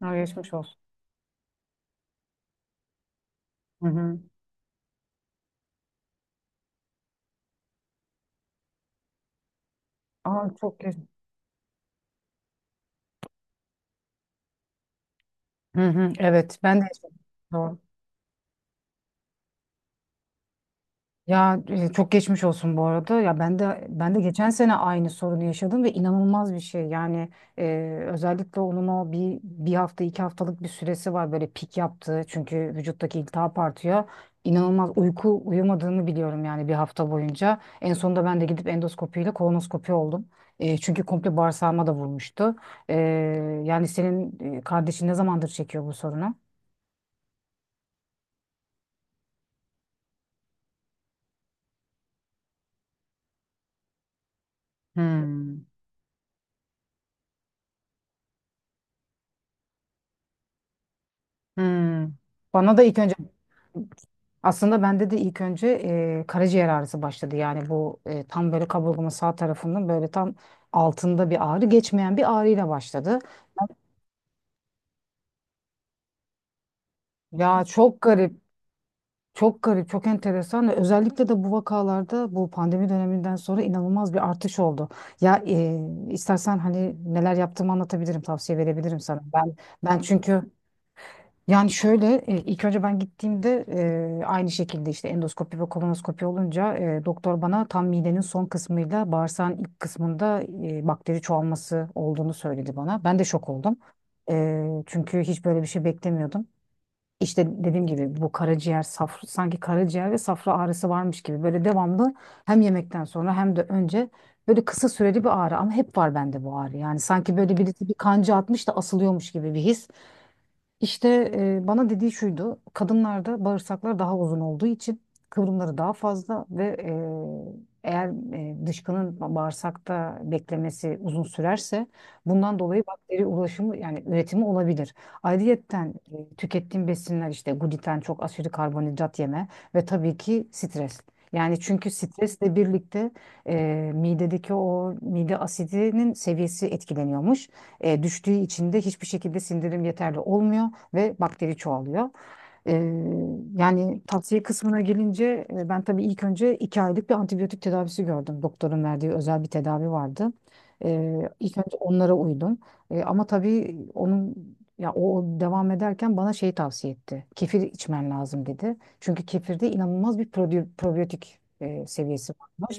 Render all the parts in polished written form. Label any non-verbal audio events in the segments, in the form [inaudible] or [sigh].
Ha, geçmiş olsun. Hı hı. Aa, çok geç. Hı hı. Evet, ben de yaşadım. Doğru. Ya, çok geçmiş olsun bu arada. Ya, ben de geçen sene aynı sorunu yaşadım ve inanılmaz bir şey. Yani, özellikle onun o bir hafta iki haftalık bir süresi var böyle pik yaptığı çünkü vücuttaki iltihap artıyor. İnanılmaz uyku uyumadığını biliyorum yani bir hafta boyunca. En sonunda ben de gidip endoskopiyle kolonoskopi oldum. Çünkü komple bağırsağıma da vurmuştu. E, Yani senin kardeşin ne zamandır çekiyor bu sorunu? Hmm. Hmm. Bana da ilk önce Aslında bende de ilk önce karaciğer ağrısı başladı. Yani bu tam böyle kaburgamın sağ tarafının böyle tam altında bir ağrı, geçmeyen bir ağrıyla başladı. Ya, çok garip, çok garip, çok enteresan. Ve özellikle de bu vakalarda bu pandemi döneminden sonra inanılmaz bir artış oldu. Ya, istersen hani neler yaptığımı anlatabilirim, tavsiye verebilirim sana. Ben ben çünkü Yani şöyle, ilk önce ben gittiğimde, aynı şekilde işte endoskopi ve kolonoskopi olunca, doktor bana tam midenin son kısmıyla bağırsağın ilk kısmında bakteri çoğalması olduğunu söyledi bana. Ben de şok oldum. Çünkü hiç böyle bir şey beklemiyordum. İşte dediğim gibi bu karaciğer, safra, sanki karaciğer ve safra ağrısı varmış gibi böyle devamlı, hem yemekten sonra hem de önce böyle kısa süreli bir ağrı, ama hep var bende bu ağrı. Yani sanki böyle birisi bir kanca atmış da asılıyormuş gibi bir his. İşte, bana dediği şuydu. Kadınlarda bağırsaklar daha uzun olduğu için kıvrımları daha fazla, ve eğer dışkının bağırsakta beklemesi uzun sürerse, bundan dolayı bakteri ulaşımı, yani üretimi olabilir. Ayrıyetten tükettiğim besinler, işte gluten, çok aşırı karbonhidrat yeme, ve tabii ki stres. Yani çünkü stresle birlikte e, midedeki o mide asidinin seviyesi etkileniyormuş, düştüğü için de hiçbir şekilde sindirim yeterli olmuyor ve bakteri çoğalıyor. Ee, Yani tavsiye kısmına gelince, ben tabii ilk önce iki aylık bir antibiyotik tedavisi gördüm. Doktorun verdiği özel bir tedavi vardı. İlk önce onlara uydum. Ama tabii onun, ya o devam ederken bana şey tavsiye etti. Kefir içmen lazım dedi. Çünkü kefirde inanılmaz bir probiyotik seviyesi var.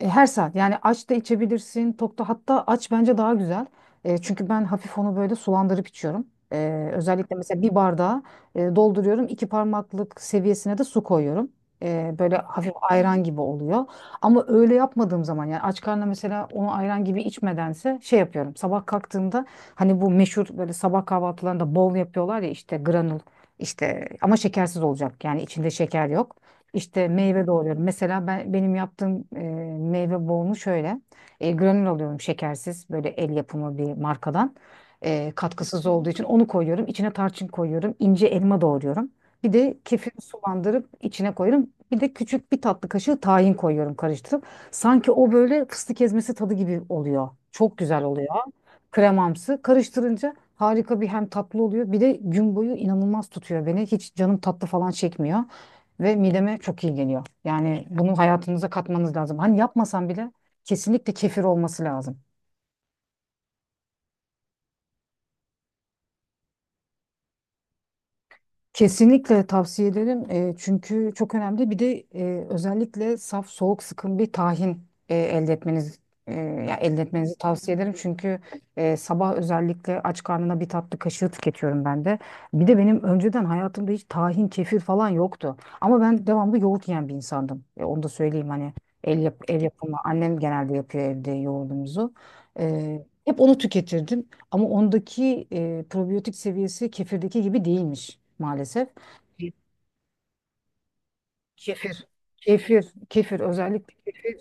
Her saat, yani aç da içebilirsin tok da, hatta aç bence daha güzel. Çünkü ben hafif onu böyle sulandırıp içiyorum. Özellikle mesela bir bardağa dolduruyorum, iki parmaklık seviyesine de su koyuyorum. Böyle hafif ayran gibi oluyor. Ama öyle yapmadığım zaman, yani aç karnına mesela, onu ayran gibi içmedense şey yapıyorum. Sabah kalktığımda, hani bu meşhur böyle sabah kahvaltılarında bol yapıyorlar ya, işte granul, işte ama şekersiz olacak, yani içinde şeker yok. İşte meyve doğruyorum. Mesela ben, benim yaptığım meyve bolunu şöyle: granül alıyorum, şekersiz, böyle el yapımı bir markadan. Katkısız olduğu için onu koyuyorum. İçine tarçın koyuyorum. İnce elma doğruyorum. Bir de kefir sulandırıp içine koyuyorum. Bir de küçük bir tatlı kaşığı tahin koyuyorum, karıştırıp. Sanki o böyle fıstık ezmesi tadı gibi oluyor. Çok güzel oluyor. Kremamsı. Karıştırınca harika bir, hem tatlı oluyor. Bir de gün boyu inanılmaz tutuyor beni. Hiç canım tatlı falan çekmiyor. Ve mideme çok iyi geliyor. Yani bunu hayatınıza katmanız lazım. Hani yapmasam bile kesinlikle kefir olması lazım. Kesinlikle tavsiye ederim. Çünkü çok önemli. Bir de özellikle saf, soğuk, sıkım bir tahin e, elde etmeniz elde etmenizi tavsiye ederim. Çünkü sabah özellikle aç karnına bir tatlı kaşığı tüketiyorum ben de. Bir de benim önceden hayatımda hiç tahin, kefir falan yoktu. Ama ben devamlı yoğurt yiyen bir insandım. Onu da söyleyeyim, hani el yapımı. Annem genelde yapıyor evde yoğurdumuzu. Hep onu tüketirdim. Ama ondaki probiyotik seviyesi kefirdeki gibi değilmiş maalesef. Kefir. Kefir. Kefir, özellikle kefir.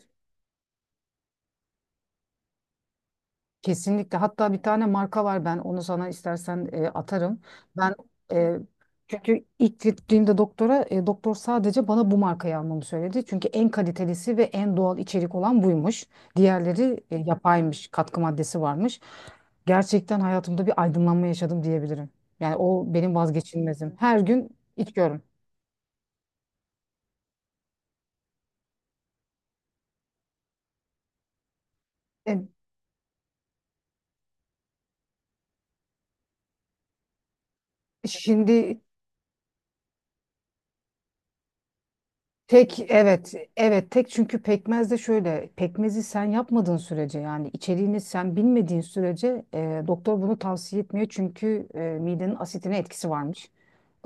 Kesinlikle. Hatta bir tane marka var, ben onu sana istersen atarım. Ben e, Çünkü ilk gittiğimde doktora, doktor sadece bana bu markayı almamı söyledi. Çünkü en kalitelisi ve en doğal içerik olan buymuş. Diğerleri yapaymış, katkı maddesi varmış. Gerçekten hayatımda bir aydınlanma yaşadım diyebilirim. Yani o benim vazgeçilmezim. Her gün içiyorum. E, Şimdi. Tek, evet evet, tek, çünkü pekmez de şöyle, pekmezi sen yapmadığın sürece, yani içeriğini sen bilmediğin sürece doktor bunu tavsiye etmiyor, çünkü midenin asitine etkisi varmış.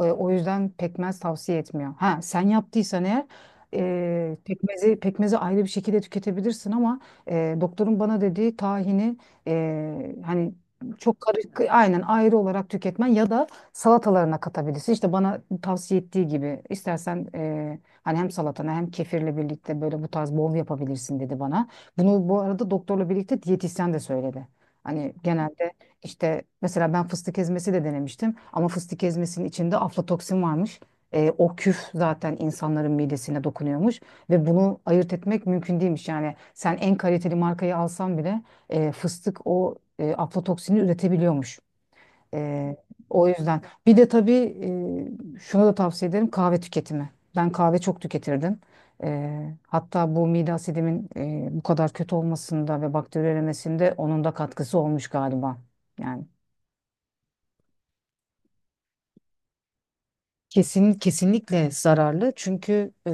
O yüzden pekmez tavsiye etmiyor. Ha, sen yaptıysan eğer pekmezi ayrı bir şekilde tüketebilirsin, ama doktorun bana dediği, tahini hani çok karışık, aynen, ayrı olarak tüketmen, ya da salatalarına katabilirsin. İşte bana tavsiye ettiği gibi, istersen hani hem salatana hem kefirle birlikte böyle bu tarz bol yapabilirsin dedi bana. Bunu bu arada doktorla birlikte diyetisyen de söyledi. Hani genelde, işte mesela ben fıstık ezmesi de denemiştim ama fıstık ezmesinin içinde aflatoksin varmış. O küf zaten insanların midesine dokunuyormuş ve bunu ayırt etmek mümkün değilmiş. Yani sen en kaliteli markayı alsan bile fıstık o aflatoksini üretebiliyormuş. E, O yüzden bir de tabii şuna da tavsiye ederim, kahve tüketimi. Ben kahve çok tüketirdim. Hatta bu mide asidimin bu kadar kötü olmasında ve bakteri üremesinde onun da katkısı olmuş galiba. Yani. Kesinlikle zararlı, çünkü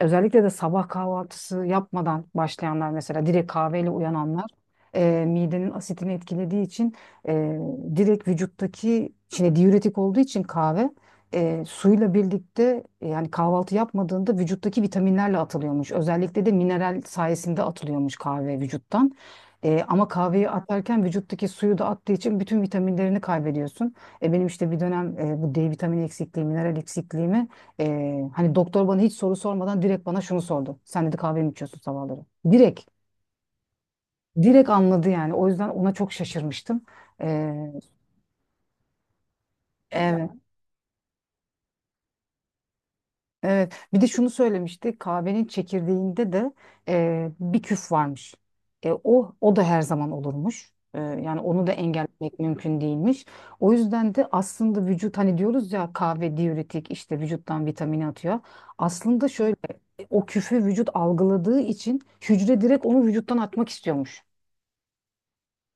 özellikle de sabah kahvaltısı yapmadan başlayanlar, mesela direkt kahveyle uyananlar, midenin asitini etkilediği için, e, direkt vücuttaki, şimdi diüretik olduğu için kahve, suyla birlikte, yani kahvaltı yapmadığında vücuttaki vitaminlerle atılıyormuş. Özellikle de mineral sayesinde atılıyormuş kahve vücuttan. Ama kahveyi atarken vücuttaki suyu da attığı için bütün vitaminlerini kaybediyorsun. Benim işte bir dönem bu D vitamini eksikliği, mineral eksikliğimi, e, hani doktor bana hiç soru sormadan direkt bana şunu sordu: sen dedi kahve mi içiyorsun sabahları? Direkt. Direkt anladı yani. O yüzden ona çok şaşırmıştım. E, evet, evet. Bir de şunu söylemişti. Kahvenin çekirdeğinde de bir küf varmış. O da her zaman olurmuş. Yani onu da engellemek mümkün değilmiş. O yüzden de aslında vücut, hani diyoruz ya kahve diüretik, işte vücuttan vitamini atıyor. Aslında şöyle: o küfe vücut algıladığı için hücre direkt onu vücuttan atmak istiyormuş.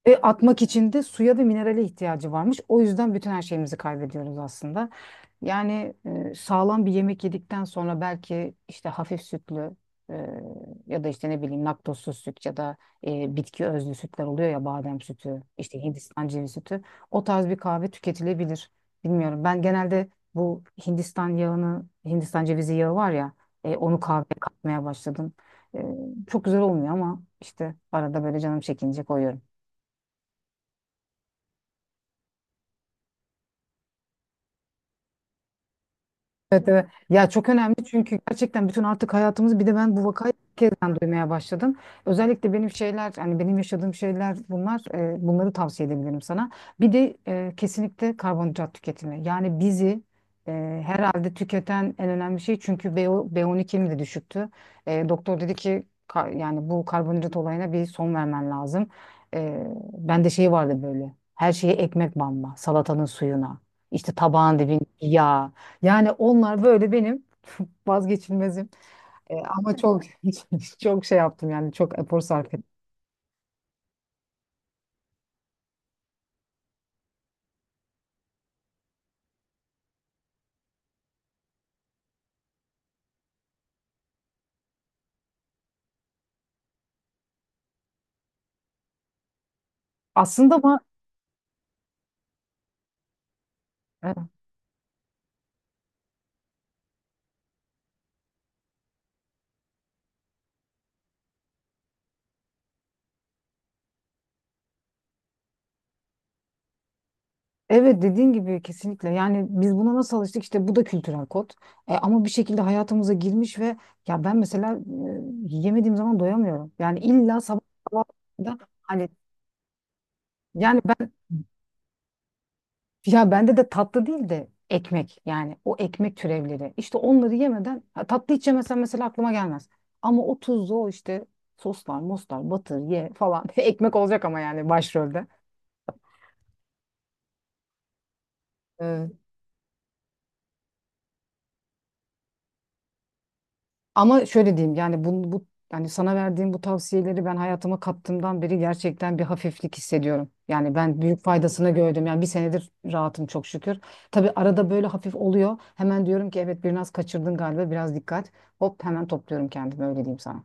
Ve atmak için de suya ve minerale ihtiyacı varmış. O yüzden bütün her şeyimizi kaybediyoruz aslında. Yani sağlam bir yemek yedikten sonra, belki işte hafif sütlü, e, ya da işte ne bileyim laktozsuz süt, ya da bitki özlü sütler oluyor ya, badem sütü, işte Hindistan cevizi sütü. O tarz bir kahve tüketilebilir. Bilmiyorum. Ben genelde bu Hindistan yağını, Hindistan cevizi yağı var ya, onu kahveye katmaya başladım. E, Çok güzel olmuyor, ama işte arada böyle canım çekince koyuyorum. Evet, evet. Ya çok önemli, çünkü gerçekten bütün artık hayatımız, bir de ben bu vakayı ilk kezden duymaya başladım. Özellikle benim şeyler, hani benim yaşadığım şeyler bunlar, bunları tavsiye edebilirim sana. Bir de kesinlikle karbonhidrat tüketimi. Yani bizi herhalde tüketen en önemli şey, çünkü B12'm de düşüktü. Doktor dedi ki, yani bu karbonhidrat olayına bir son vermen lazım. E, Ben de, şey vardı, böyle her şeye ekmek banma, salatanın suyuna, işte tabağın dibindeki yağ. Yani onlar böyle benim [laughs] vazgeçilmezim. Ama çok [laughs] çok şey yaptım, yani çok efor sarf ettim. Aslında ama, e, evet, dediğin gibi kesinlikle, yani biz buna nasıl alıştık, işte bu da kültürel kod. Ama bir şekilde hayatımıza girmiş ve ya ben mesela yemediğim zaman doyamıyorum. Yani illa sabah kahvaltıda, hani, yani ben. Ya, bende de tatlı değil de ekmek, yani o ekmek türevleri. İşte onları yemeden, ha, tatlı hiç yemesen mesela aklıma gelmez. Ama o tuzlu, o işte soslar, moslar, batır, ye falan. [laughs] Ekmek olacak ama, yani başrolde. Ee, Ama şöyle diyeyim, yani bu, yani sana verdiğim bu tavsiyeleri ben hayatıma kattığımdan beri gerçekten bir hafiflik hissediyorum. Yani ben büyük faydasını gördüm. Yani bir senedir rahatım çok şükür. Tabii arada böyle hafif oluyor. Hemen diyorum ki, evet, biraz kaçırdın galiba, biraz dikkat. Hop, hemen topluyorum kendimi, öyle diyeyim sana.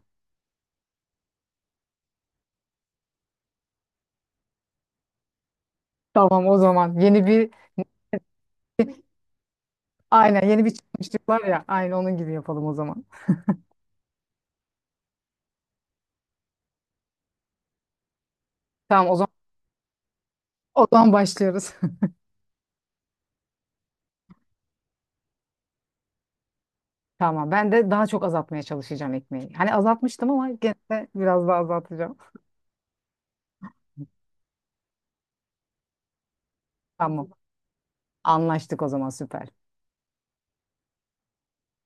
Tamam, o zaman yeni bir aynen yeni bir çıkmışlık var ya, aynı onun gibi yapalım o zaman. Tamam, o zaman başlıyoruz. [laughs] Tamam, ben de daha çok azaltmaya çalışacağım ekmeği. Hani azaltmıştım ama gene de biraz daha azaltacağım. Tamam, anlaştık o zaman, süper.